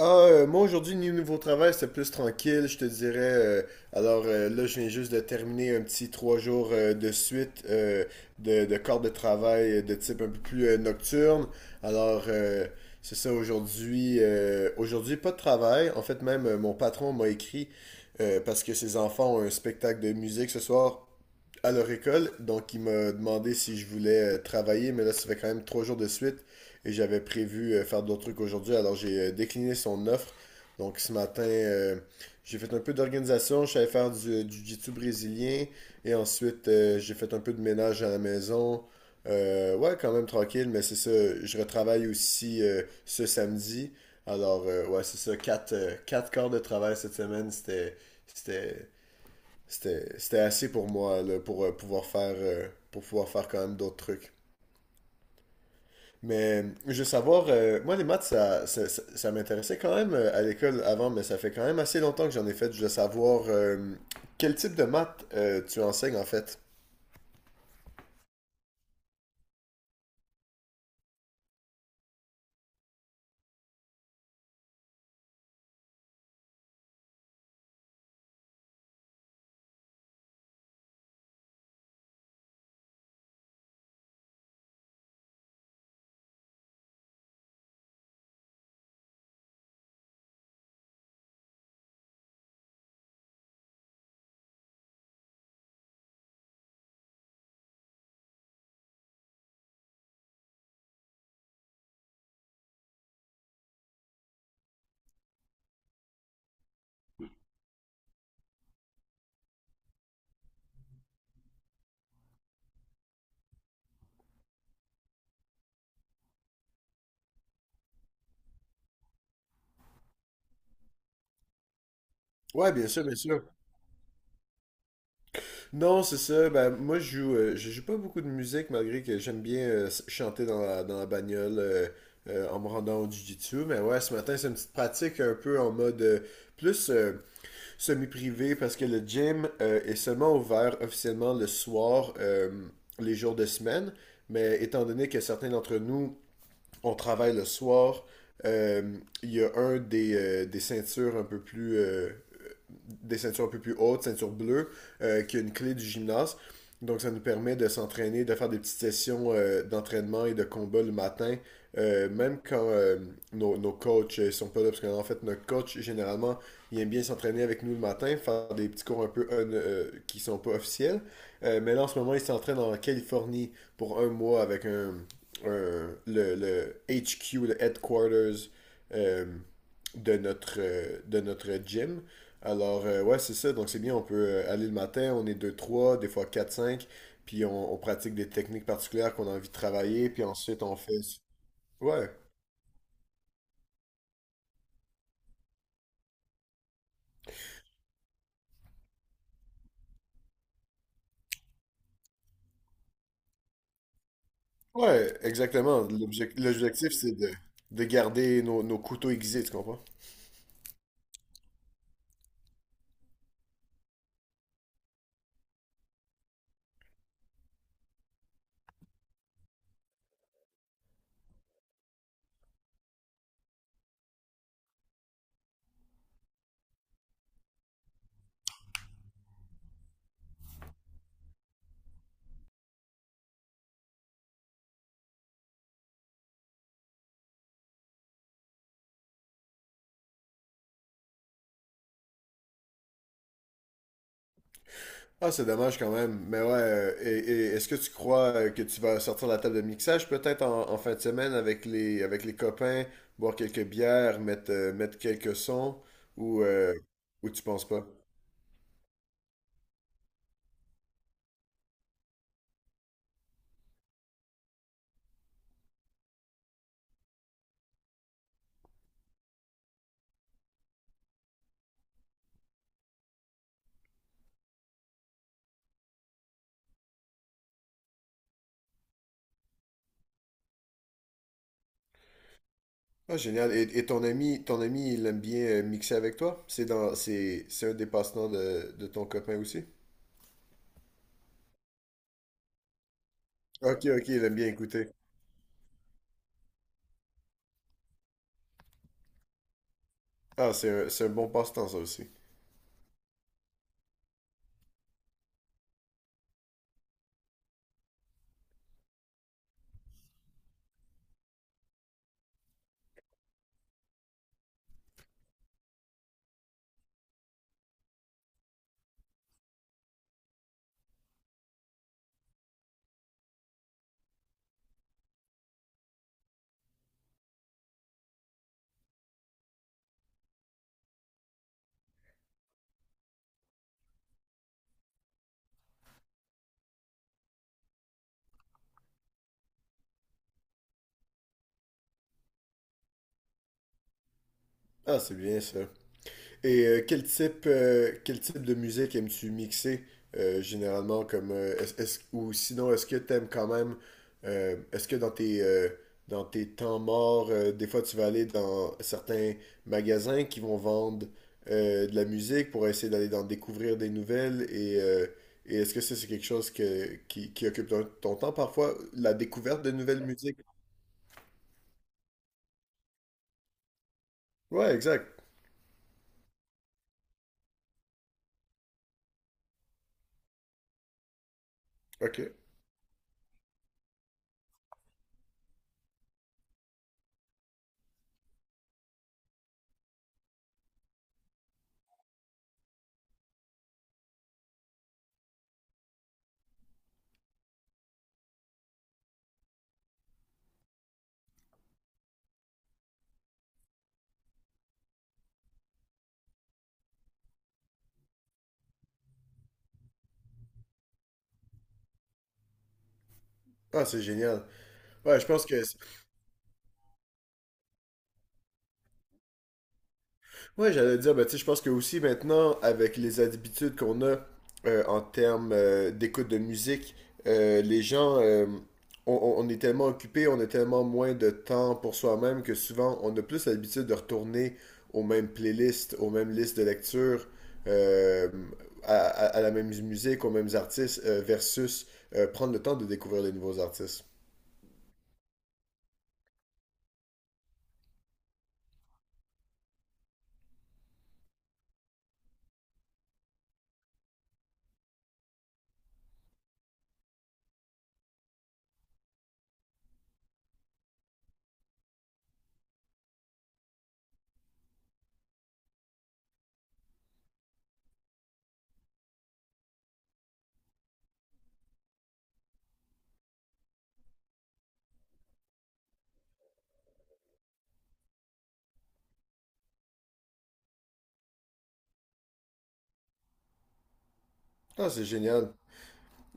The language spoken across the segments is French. Ah, moi aujourd'hui, niveau travail, c'était plus tranquille, je te dirais. Là, je viens juste de terminer un petit trois jours de suite, de corps de travail de type un peu plus nocturne. Alors, euh, c'est ça aujourd'hui. Aujourd'hui, pas de travail. En fait, même mon patron m'a écrit parce que ses enfants ont un spectacle de musique ce soir à leur école. Donc, il m'a demandé si je voulais travailler, mais là, ça fait quand même trois jours de suite et j'avais prévu faire d'autres trucs aujourd'hui. Alors, j'ai décliné son offre. Donc, ce matin, j'ai fait un peu d'organisation. Je savais faire du du jiu-jitsu brésilien et ensuite, j'ai fait un peu de ménage à la maison. Ouais, quand même tranquille, mais c'est ça. Je retravaille aussi ce samedi. Alors, ouais, c'est ça. Quatre quarts de travail cette semaine. C'était, c'était assez pour moi là, pour pouvoir faire, pour pouvoir faire quand même d'autres trucs. Mais je veux savoir, moi les maths, ça m'intéressait quand même à l'école avant, mais ça fait quand même assez longtemps que j'en ai fait. Je veux savoir quel type de maths tu enseignes en fait. Ouais, bien sûr, bien sûr. Non, c'est ça. Ben, moi, je joue pas beaucoup de musique, malgré que j'aime bien chanter dans la bagnole en me rendant au jiu-jitsu. Mais ouais, ce matin, c'est une petite pratique un peu en mode plus. Semi-privé parce que le gym est seulement ouvert officiellement le soir, les jours de semaine. Mais étant donné que certains d'entre nous, on travaille le soir, euh, il y a un des ceintures un peu plus hautes, ceinture bleue, qui a une clé du gymnase. Donc, ça nous permet de s'entraîner, de faire des petites sessions d'entraînement et de combat le matin, même quand nos coachs ne sont pas là. Parce qu'en fait, notre coach, généralement, il aime bien s'entraîner avec nous le matin, faire des petits cours un peu qui ne sont pas officiels. Mais là, en ce moment, il s'entraîne en Californie pour un mois avec le HQ, le headquarters euh, de notre gym. Alors, ouais, c'est ça. Donc, c'est bien, on peut aller le matin, on est deux trois des fois quatre cinq puis on pratique des techniques particulières qu'on a envie de travailler, puis ensuite on fait... Ouais, ouais, exactement. L'objectif, c'est de garder nos couteaux aiguisés, tu comprends? Ah, c'est dommage quand même. Mais ouais, et est-ce que tu crois que tu vas sortir la table de mixage peut-être en fin de semaine avec avec les copains, boire quelques bières, mettre quelques sons, ou, euh, ou tu penses pas? Ah, génial. Et, ton ami, il aime bien mixer avec toi? C'est un des passe-temps de ton copain aussi? Ok, ok, il aime bien écouter. Ah, c'est un bon passe-temps, ça aussi. Ah, c'est bien ça. Et quel type de musique aimes-tu mixer généralement comme ou sinon est-ce que t'aimes quand même est-ce que dans tes temps morts des fois tu vas aller dans certains magasins qui vont vendre de la musique pour essayer d'aller d'en découvrir des nouvelles et est-ce que ça c'est quelque chose qui occupe ton temps parfois la découverte de nouvelles musiques? Ouais, exact. Ok. Ah, c'est génial. Ouais, je pense que Ouais, j'allais dire, ben, tu sais, je pense que aussi maintenant, avec les habitudes qu'on a en termes d'écoute de musique, les gens, on est tellement occupés, on a tellement moins de temps pour soi-même que souvent, on a plus l'habitude de retourner aux mêmes playlists, aux mêmes listes de lecture, euh, à la même musique, aux mêmes artistes, versus prendre le temps de découvrir les nouveaux artistes. Ah, c'est génial.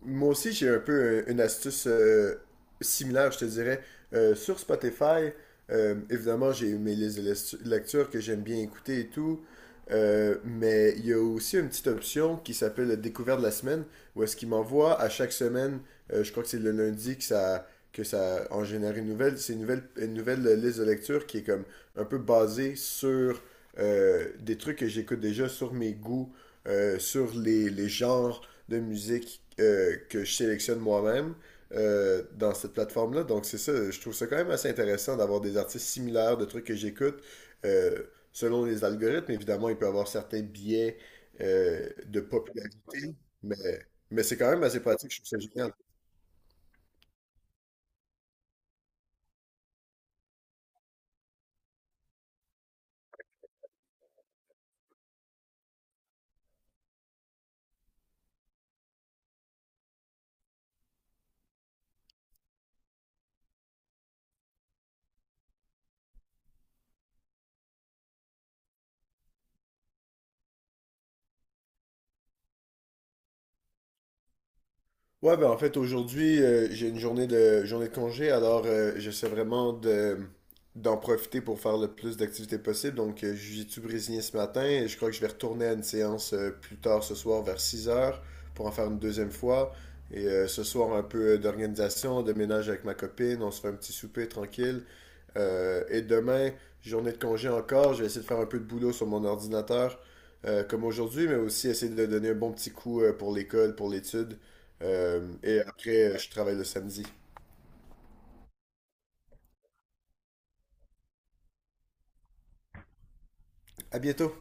Moi aussi, j'ai un peu une astuce similaire, je te dirais. Sur Spotify, évidemment, j'ai mes listes de lecture que j'aime bien écouter et tout. Mais il y a aussi une petite option qui s'appelle la découverte de la semaine, où est-ce qu'il m'envoie à chaque semaine, je crois que c'est le lundi que ça en génère une nouvelle. C'est une nouvelle liste de lecture qui est comme un peu basée sur des trucs que j'écoute déjà, sur mes goûts, les genres de musique que je sélectionne moi-même dans cette plateforme-là. Donc c'est ça, je trouve ça quand même assez intéressant d'avoir des artistes similaires, de trucs que j'écoute. Selon les algorithmes, évidemment, il peut y avoir certains biais de popularité, mais, mais c'est quand même assez pratique, je trouve ça génial. Ouais, ben en fait, aujourd'hui, j'ai une journée journée de congé, alors j'essaie vraiment d'en profiter pour faire le plus d'activités possible. Donc, jiu-jitsu brésilien ce matin et je crois que je vais retourner à une séance plus tard ce soir vers 6 heures pour en faire une deuxième fois. Et ce soir, un peu d'organisation, de ménage avec ma copine, on se fait un petit souper tranquille. Et demain, journée de congé encore, je vais essayer de faire un peu de boulot sur mon ordinateur, comme aujourd'hui, mais aussi essayer de donner un bon petit coup pour l'école, pour l'étude. Je travaille le samedi. À bientôt!